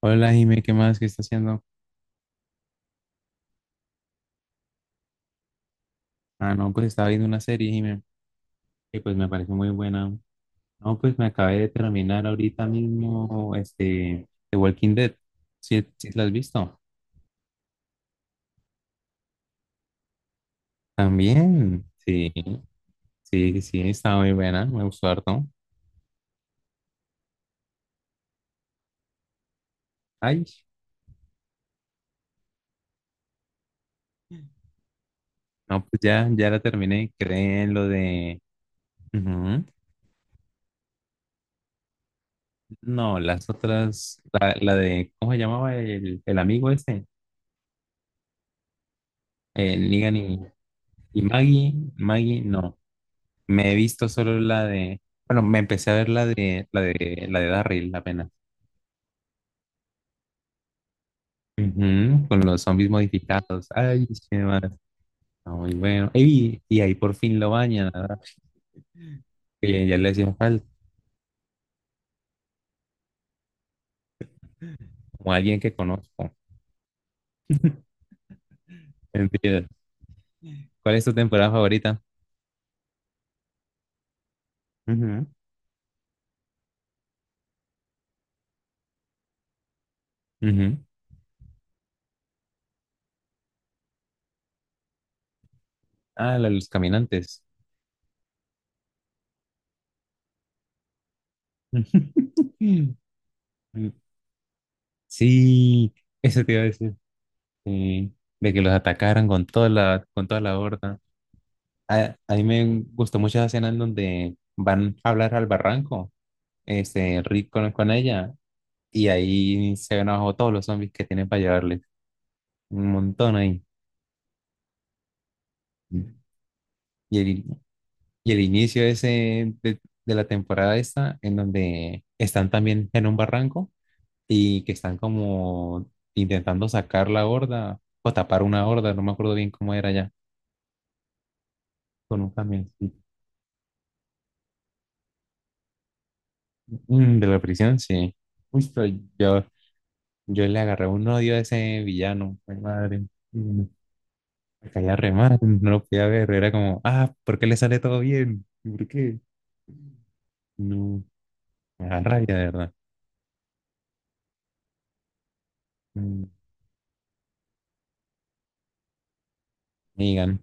Hola, Jimé, ¿qué más? ¿Qué está haciendo? Ah, no, pues estaba viendo una serie, Jimé, que pues me pareció muy buena. No, pues me acabé de terminar ahorita mismo, The Walking Dead. ¿Sí, sí la has visto? También, sí, sí, estaba muy buena, me gustó harto. Ay, no, pues ya, ya la terminé, creen lo de... Ujú. No, las otras, la de, ¿cómo se llamaba el amigo ese? El Negan y Maggie, Maggie, no. Me he visto solo la de, bueno, me empecé a ver la de Daryl apenas. Ujú, con los zombies modificados. Ay, qué más. Está muy bueno. Ey, y ahí por fin lo bañan, ¿verdad? Que ya le hacía falta, como alguien que conozco. Entiendo. ¿Cuál es tu temporada favorita? Ujú, ujú. Ah, la de los caminantes. Sí, eso te iba a decir. Sí, de que los atacaran con con toda la horda. A mí me gustó mucho esa escena en donde van a hablar al barranco, Rick con ella, y ahí se ven abajo todos los zombies que tienen para llevarles. Un montón ahí. Y el inicio ese de la temporada esta, en donde están también en un barranco y que están como intentando sacar la horda o tapar una horda, no me acuerdo bien cómo era ya, con un camioncito. Mm, de la prisión, sí. Uy, pero yo yo le agarré un odio a ese villano, mi madre. Mm, Me caía re mal, no lo podía ver. Era como, ah, ¿por qué le sale todo bien? ¿Por qué? No, me da rabia, de verdad. Mm, Negan,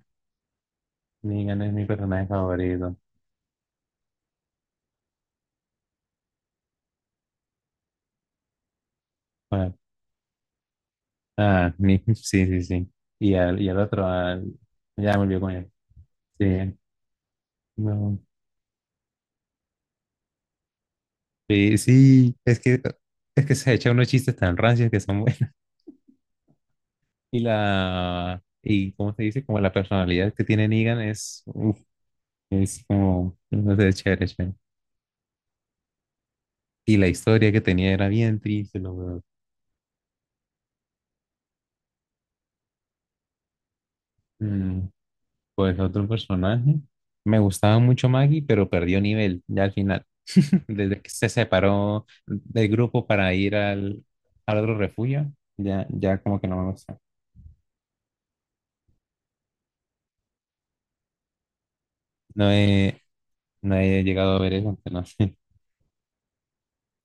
Negan es mi personaje favorito. Bueno, sí, sí, sí. Y al otro, ya me olvidé con él. Sí, no. Sí, sí, es que se echa unos chistes tan rancios que son buenos. Y y cómo se dice, como la personalidad que tiene Negan es, uff. Es como, no sé, chévere, chévere. Y la historia que tenía era bien triste, lo verdad. Mm, pues otro personaje. Me gustaba mucho Maggie, pero perdió nivel ya al final. Desde que se separó del grupo para ir al otro refugio, ya, ya como que no me gusta. No he, no he llegado a ver eso, pero no sé.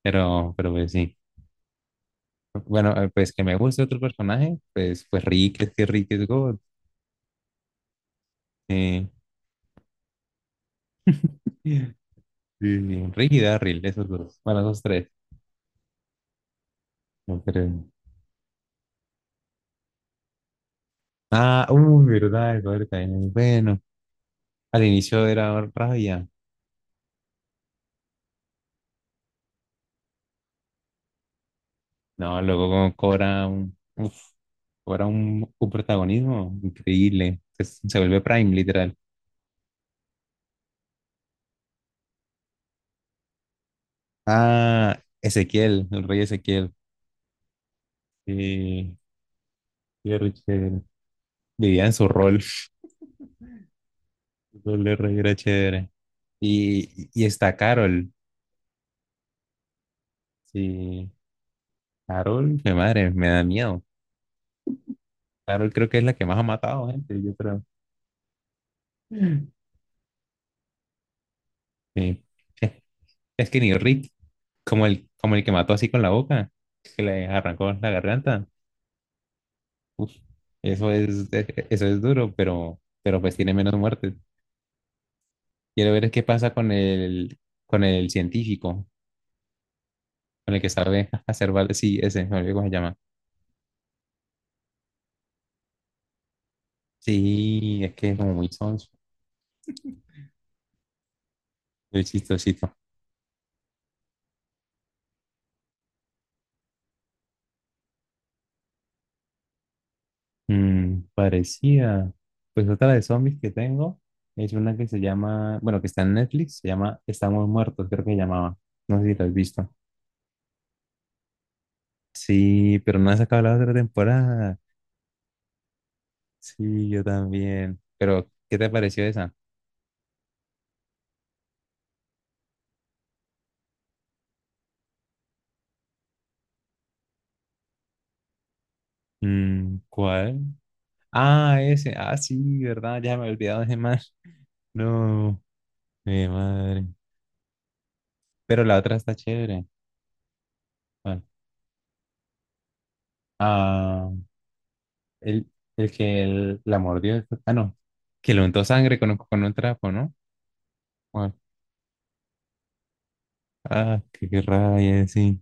Pero pues sí. Bueno, pues que me guste otro personaje, pues, pues Rick, es que Rick es God. Eh, sí, sí, Rick y Darryl, esos dos. Bueno, esos tres. No creo. Ah, uy, verdad, el padre también es bueno. Al inicio era rabia. No, luego como cobra un, uf, cobra un protagonismo increíble. Se vuelve Prime, literal. Ah, Ezequiel, el rey Ezequiel. Sí, sí, era chévere. Vivía en su rol. El rol de rey era chévere. Y está Carol. Sí, Carol, mi madre, me da miedo. Carol creo que es la que más ha matado gente, yo creo. Sí. Es que ni Rick. Como como el que mató así con la boca, que le arrancó la garganta. Uf, eso es, eso es duro, pero pues tiene menos muertes. Quiero ver qué pasa con con el científico, con el que sabe hacer balas. Sí, ese, me olvidé cómo se llama. Sí, es que es como muy sonso, muy chistosito. Mm, parecía. Pues otra de zombies que tengo es una que se llama, bueno, que está en Netflix, se llama Estamos Muertos, creo que se llamaba. No sé si lo has visto. Sí, pero no ha sacado la otra temporada. Sí, yo también. Pero, ¿qué te pareció esa? Mm, ¿cuál? Ah, ese. Ah, sí, ¿verdad? Ya me he olvidado de ese más. No, mi madre. Pero la otra está chévere. ¿Cuál? Ah, el, el que la mordió. Ah, no. Que le untó sangre con un trapo, ¿no? ¿Cuál? Ah, qué, qué rabia, sí.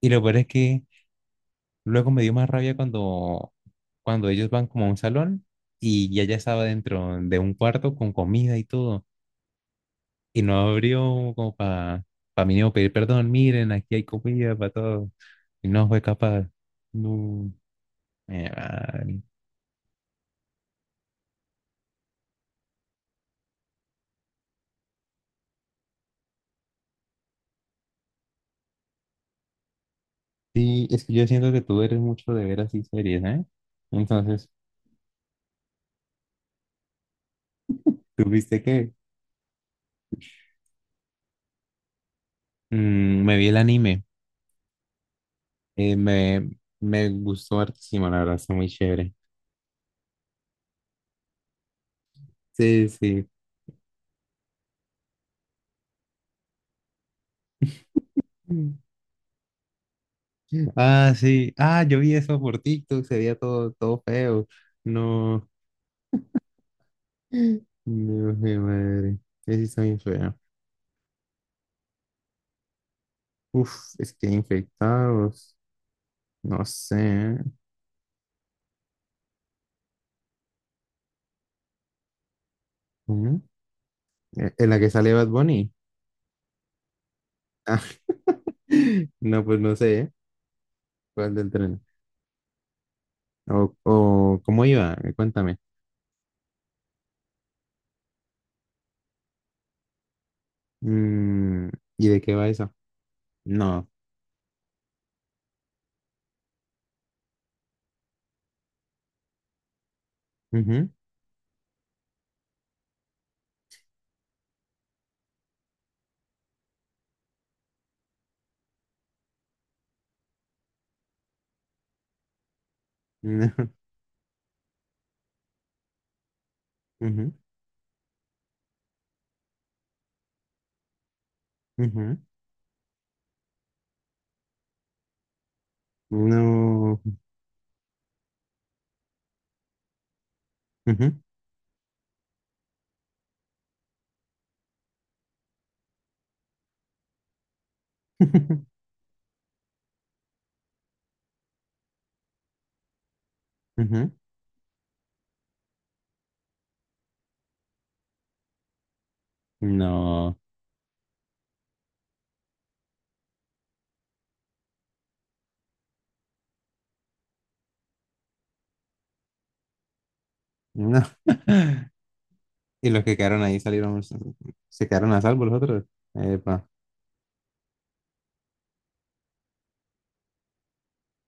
Y lo peor es que luego me dio más rabia cuando ellos van como a un salón y ya estaba dentro de un cuarto con comida y todo. Y no abrió como para pa mínimo pedir perdón, miren, aquí hay comida para todos. Y no fue capaz. No. Vale. Sí, es que yo siento que tú eres mucho de ver así series, ¿eh? Entonces, tuviste que mm, me vi el anime. eh, me, me gustó hartísimo, la verdad, está muy chévere. Sí, sí. Mm. Ah, sí. Ah, yo vi eso por TikTok, se veía todo, todo feo. No. Mm. No, qué madre. Eso está bien feo. Uf, es que infectados, no sé. ¿Eh? ¿Mm? ¿En la que sale Bad Bunny? Ah, no, pues no sé, ¿eh? ¿Cuál del tren? O cómo iba? Cuéntame. Mm, ¿y de qué va eso? No. Ujú, no. Ujú, ujú, no. Ujú, ujú, no. No. Y los que quedaron ahí salieron, se quedaron a salvo los otros. Epa.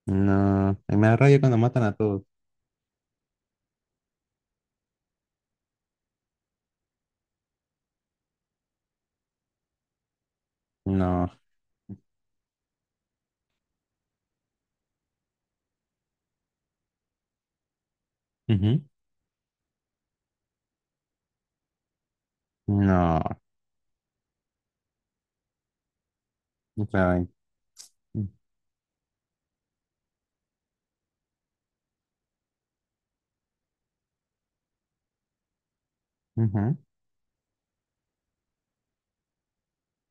No. Me da rabia cuando matan a todos. No. No, claro. Ujú,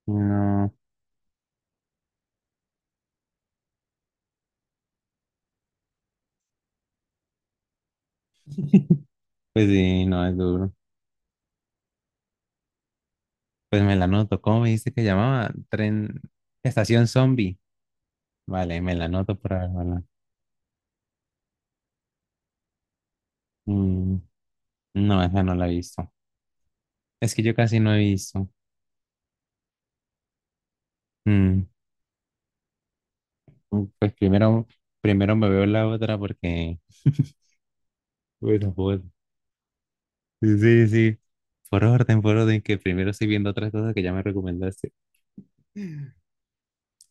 no, pues sí, no es duro. Pues me la noto. ¿Cómo me dice que llamaba? Tren, estación zombie. Vale, me la noto por haberla. Mm, no, esa no la he visto. Es que yo casi no he visto. Mm, pues primero, primero me veo la otra porque. Bueno, pues. Sí, sí, sí. Por orden, que primero estoy viendo otras cosas que ya me recomendaste.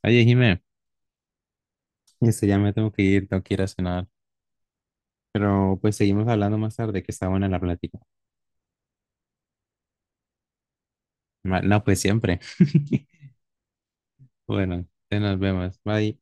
Oye, Jimé, eso ya me tengo que ir, no quiero cenar. Pero pues seguimos hablando más tarde, que está buena la plática. No, pues siempre. Bueno, te nos vemos. Bye.